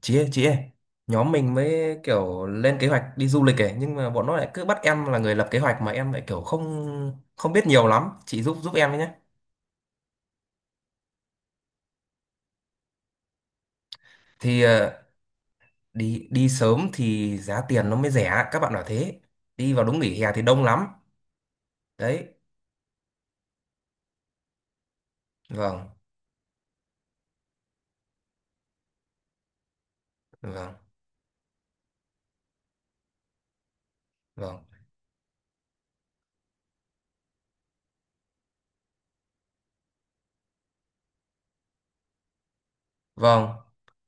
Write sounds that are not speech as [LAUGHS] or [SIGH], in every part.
Chị ơi, chị ơi, nhóm mình mới kiểu lên kế hoạch đi du lịch ấy, nhưng mà bọn nó lại cứ bắt em là người lập kế hoạch mà em lại kiểu không không biết nhiều lắm, chị giúp giúp em với nhé. Thì đi đi sớm thì giá tiền nó mới rẻ, các bạn bảo thế. Đi vào đúng nghỉ hè thì đông lắm. Đấy. Vâng. Vâng. Vâng. Vâng.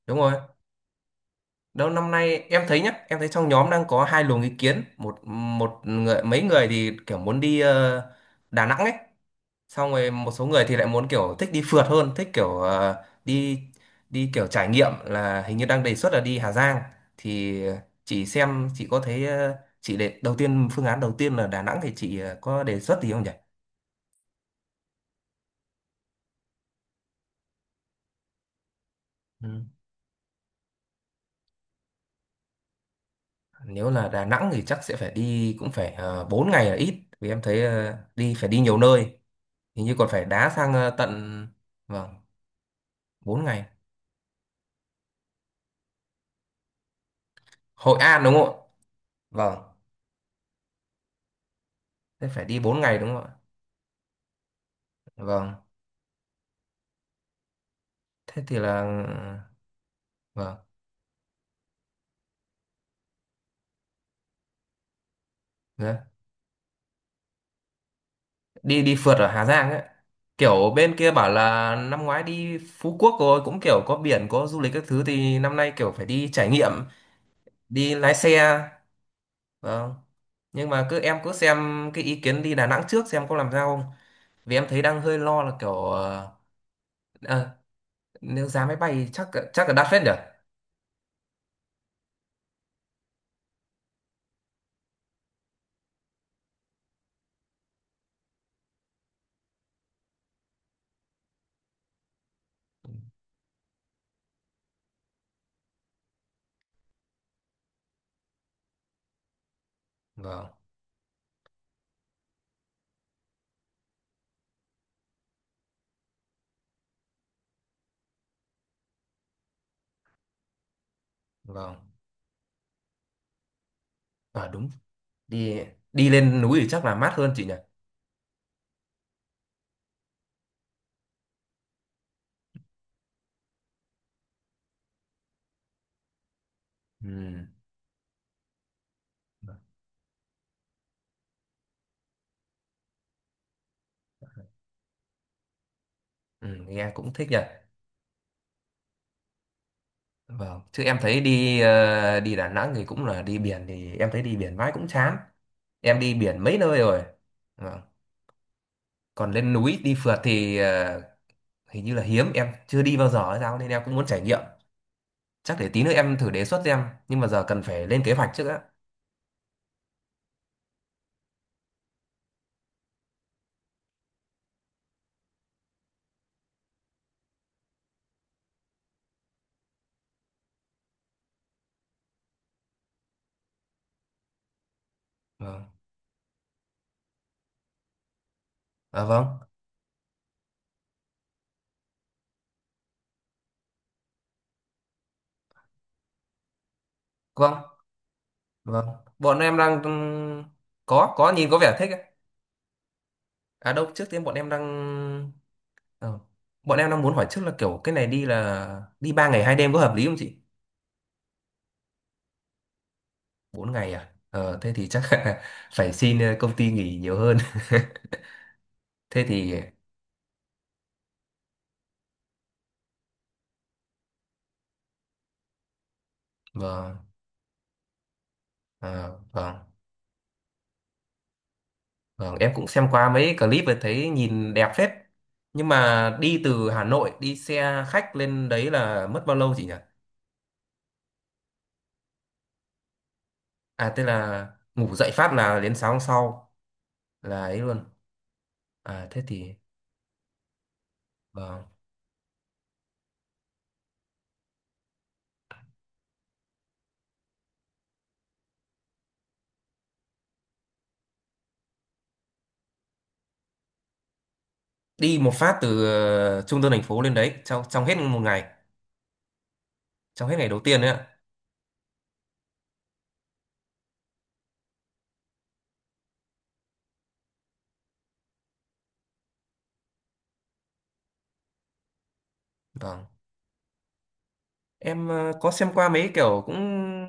Đúng rồi. Đâu, năm nay em thấy nhá, em thấy trong nhóm đang có hai luồng ý kiến. Một một người, mấy người thì kiểu muốn đi Đà Nẵng ấy. Xong rồi một số người thì lại muốn kiểu thích đi phượt hơn, thích kiểu đi đi kiểu trải nghiệm, là hình như đang đề xuất là đi Hà Giang. Thì chị xem, chị có thấy chị để đầu tiên, phương án đầu tiên là Đà Nẵng thì chị có đề xuất gì không nhỉ? Ừ. Nếu là Đà Nẵng thì chắc sẽ phải đi, cũng phải 4 ngày là ít. Vì em thấy đi phải đi nhiều nơi, hình như còn phải đá sang tận. Vâng. 4 ngày. Hội An đúng không ạ? Vâng. Thế phải đi 4 ngày đúng không ạ? Vâng. Thế thì là ờ, vâng. Dạ. đi đi phượt ở Hà Giang ấy. Kiểu bên kia bảo là năm ngoái đi Phú Quốc rồi, cũng kiểu có biển có du lịch các thứ, thì năm nay kiểu phải đi trải nghiệm, đi lái xe. Vâng. Nhưng mà cứ em cứ xem cái ý kiến đi Đà Nẵng trước xem có làm sao không. Vì em thấy đang hơi lo là kiểu ờ, nếu giá máy bay chắc, chắc là đắt phết nhỉ. Vâng. Vâng. À đúng. Đi đi lên núi thì chắc là mát hơn chị nhỉ. Ừ. Ừ, nghe cũng thích nhỉ. Vâng, chứ em thấy đi đi Đà Nẵng thì cũng là đi biển, thì em thấy đi biển mãi cũng chán. Em đi biển mấy nơi rồi. Vâng. Còn lên núi đi phượt thì hình như là hiếm, em chưa đi bao giờ hay sao nên em cũng muốn trải nghiệm. Chắc để tí nữa em thử đề xuất xem, nhưng mà giờ cần phải lên kế hoạch trước á. Vâng. À vâng, vâng, vâng. Bọn em đang ừ, có nhìn, có vẻ thích ấy. À đâu, trước tiên bọn em đang, ờ, muốn hỏi trước là kiểu cái này đi là đi 3 ngày 2 đêm có hợp lý không chị? 4 ngày à? Ờ, thế thì chắc [LAUGHS] là phải xin công ty nghỉ nhiều hơn. [LAUGHS] Thế thì vâng, ờ, vâng, vâng, em cũng xem qua mấy clip và thấy nhìn đẹp phết. Nhưng mà đi từ Hà Nội đi xe khách lên đấy là mất bao lâu chị nhỉ? À tức là ngủ dậy phát là đến sáng hôm sau là ấy luôn. À thế thì vâng. Đi một phát từ trung tâm thành phố lên đấy trong trong hết một ngày, trong hết ngày đầu tiên đấy ạ. Vâng. Em có xem qua mấy kiểu cũng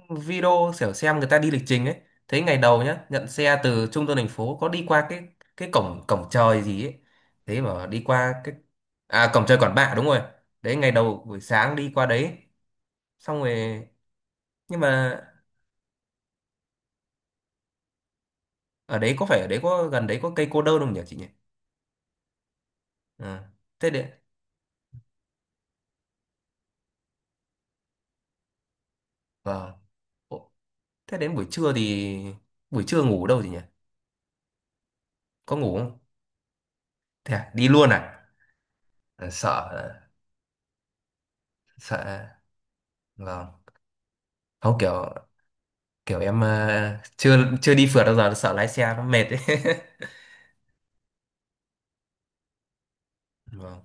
video, kiểu xem người ta đi lịch trình ấy. Thấy ngày đầu nhá, nhận xe từ trung tâm thành phố có đi qua cái cổng cổng trời gì ấy. Thế mà đi qua cái, à cổng trời Quản Bạ đúng rồi. Đấy ngày đầu buổi sáng đi qua đấy. Xong rồi nhưng mà ở đấy, có phải ở đấy có gần đấy có cây cô đơn không nhỉ chị nhỉ? Ờ. Thế đến, vâng. Ồ, thế đến buổi trưa thì buổi trưa ngủ đâu chị nhỉ? Có ngủ không? Thế à, đi luôn à? Ờ, sợ ờ, vâng. Không kiểu, kiểu em à, chưa chưa đi phượt bao giờ sợ lái xe nó mệt ấy. [LAUGHS] Vâng.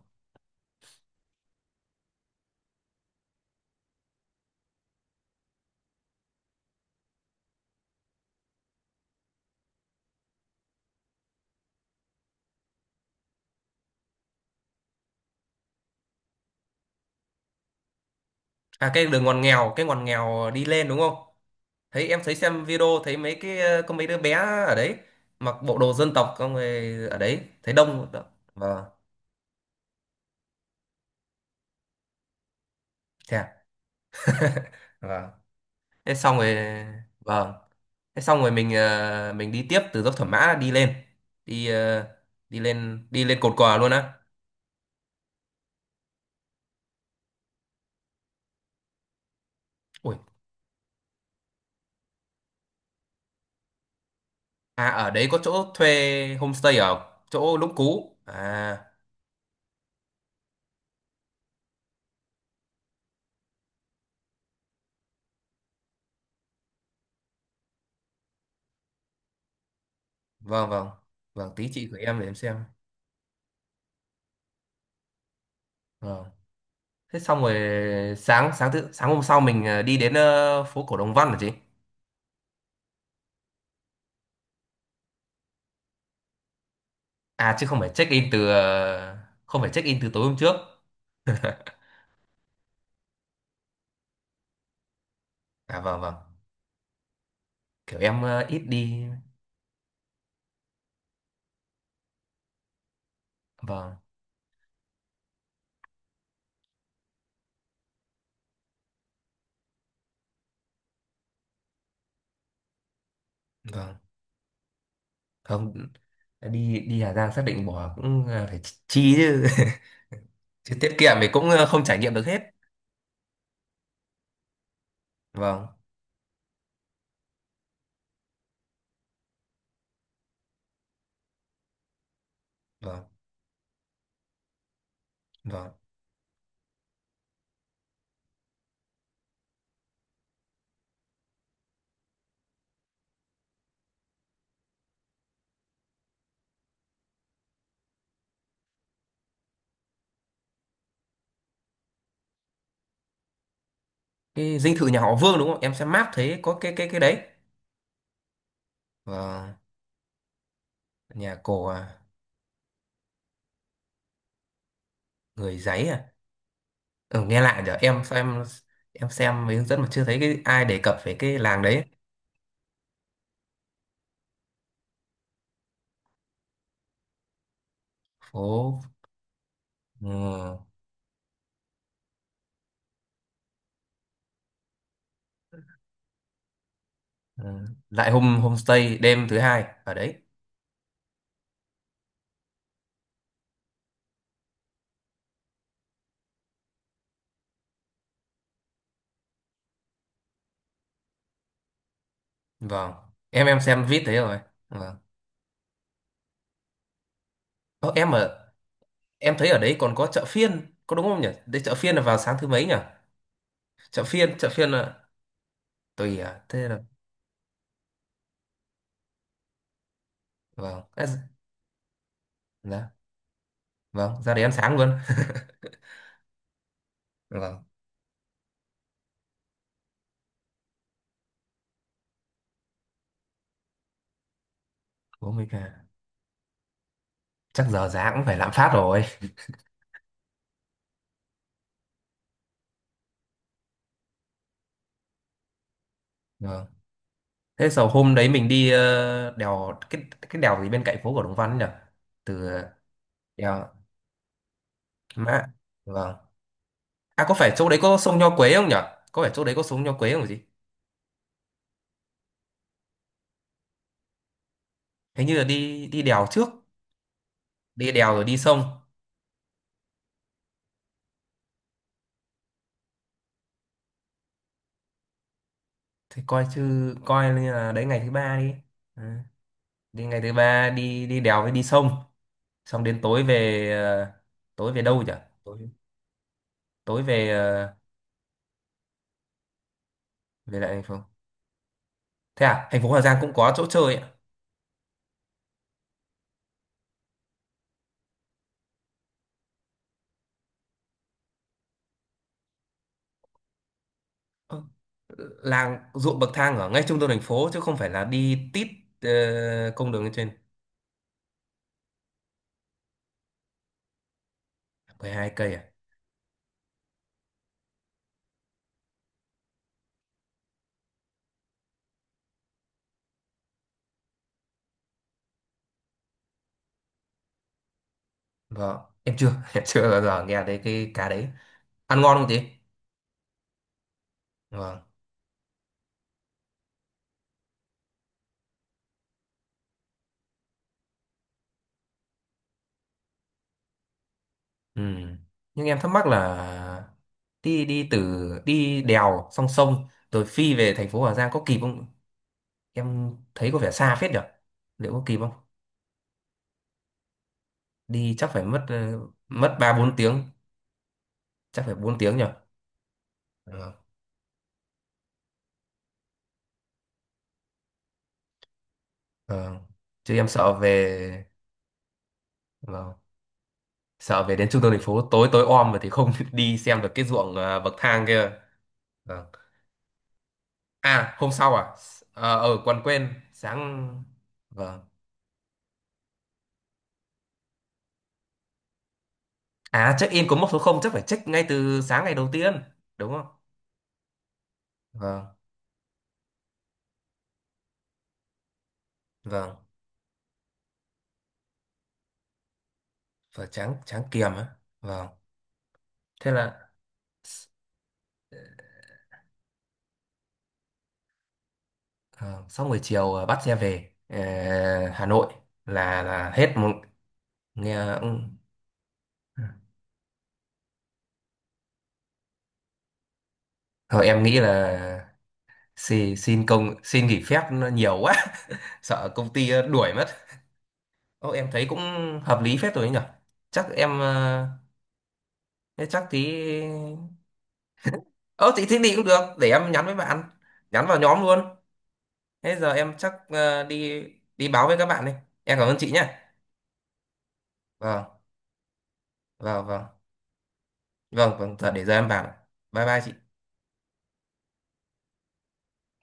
À cái đường ngoằn nghèo, cái ngoằn nghèo đi lên đúng không? Thấy em thấy xem video thấy mấy cái có mấy đứa bé ở đấy mặc bộ đồ dân tộc, con người ở đấy thấy đông. Vâng. Thế à? Vâng. Thế xong rồi, vâng. Thế xong rồi mình đi tiếp từ dốc Thẩm Mã đi lên. Đi ờ, đi lên đi lên cột cờ luôn á. Ui, à ở đấy có chỗ thuê homestay ở chỗ Lũng Cú. À vâng, vâng, vâng, tí chị gửi em để em xem. Vâng, thế xong rồi sáng sáng thứ sáng hôm sau mình đi đến phố cổ Đồng Văn hả chị? À chứ không phải check in từ không phải check in từ tối hôm trước à? Vâng. Vâng. Kiểu em ít đi. Vâng. Vâng. Không, đi, đi Hà Giang xác định bỏ cũng phải chi chứ. [LAUGHS] Chứ tiết kiệm thì cũng không trải nghiệm được hết. Vâng. Vâng. Vâng, cái dinh thự nhà họ Vương đúng không, em xem map thấy có cái đấy. Vâng. Nhà cổ à? Người giấy à? Ừ, nghe lạ nhở, em xem, em xem mấy hướng dẫn mà chưa thấy cái ai đề cập về cái làng đấy. Phố. Ừ. Ừ. Lại hôm homestay đêm thứ hai ở đấy. Vâng, em xem vít thấy rồi. Vâng. Ơ, em ở, em thấy ở đấy còn có chợ phiên có đúng không nhỉ, đấy chợ phiên là vào sáng thứ mấy nhỉ? Chợ phiên, chợ phiên là tùy à, thế là vâng. Ê, dạ, vâng ra đấy ăn sáng luôn. [LAUGHS] Vâng, bố mình à, chắc giờ giá cũng phải lạm phát rồi. Vâng. Thế sau hôm đấy mình đi đèo cái đèo gì bên cạnh phố của Đồng Văn nhỉ? Từ đèo Kim Mã. Vâng. À có phải chỗ đấy có sông Nho Quế không nhỉ? Có phải chỗ đấy có sông Nho Quế không gì? Hình như là đi đi đèo trước, đi đèo rồi đi sông. Thì coi chứ coi như là đấy ngày thứ ba đi. Ừ. Đi ngày thứ ba đi đi đèo với đi sông, xong đến tối về đâu nhỉ? Tối tối về lại thành phố. Thế à, thành phố Hà Giang cũng có chỗ chơi ạ. Làng ruộng bậc thang ở ngay trung tâm thành phố chứ không phải là đi tít ờ, công đường lên trên? 12 cây à? Vâng, em chưa [LAUGHS] chưa bao giờ nghe thấy cái cá đấy. Ăn ngon không chị? Vâng. Ừ. Nhưng em thắc mắc là đi đi từ đi đèo sông rồi phi về thành phố Hà Giang có kịp không, em thấy có vẻ xa phết nhở, liệu có kịp không? Đi chắc phải mất 3 4 tiếng, chắc phải 4 tiếng nhở. Vâng. Vâng. Chứ em sợ về, vâng, sợ về đến trung tâm thành phố tối tối om rồi thì không [LAUGHS] đi xem được cái ruộng, à bậc thang kia. Vâng. À hôm sau à. Ờ, ờ, còn quên sáng. Vâng. À check in có mốc số không chắc phải check ngay từ sáng ngày đầu tiên đúng không? Vâng. Vâng và tráng tráng kiềm á. Vâng. Thế là ờ, sau buổi chiều, à bắt xe về Hà Nội, là hết một, nghe. Ừ. Thôi em nghĩ là xin nghỉ phép nó nhiều quá. [LAUGHS] Sợ công ty đuổi mất. Ô, em thấy cũng hợp lý phết rồi ấy nhở. Chắc em thế chắc tí. Ờ thì thế đi cũng được. Để em nhắn với bạn. Nhắn vào nhóm luôn. Thế giờ em chắc đi đi báo với các bạn đi. Em cảm ơn chị nhé. Vâng, vâng, vâng. Vâng, vâng, giờ để giờ em vào. Bye bye chị.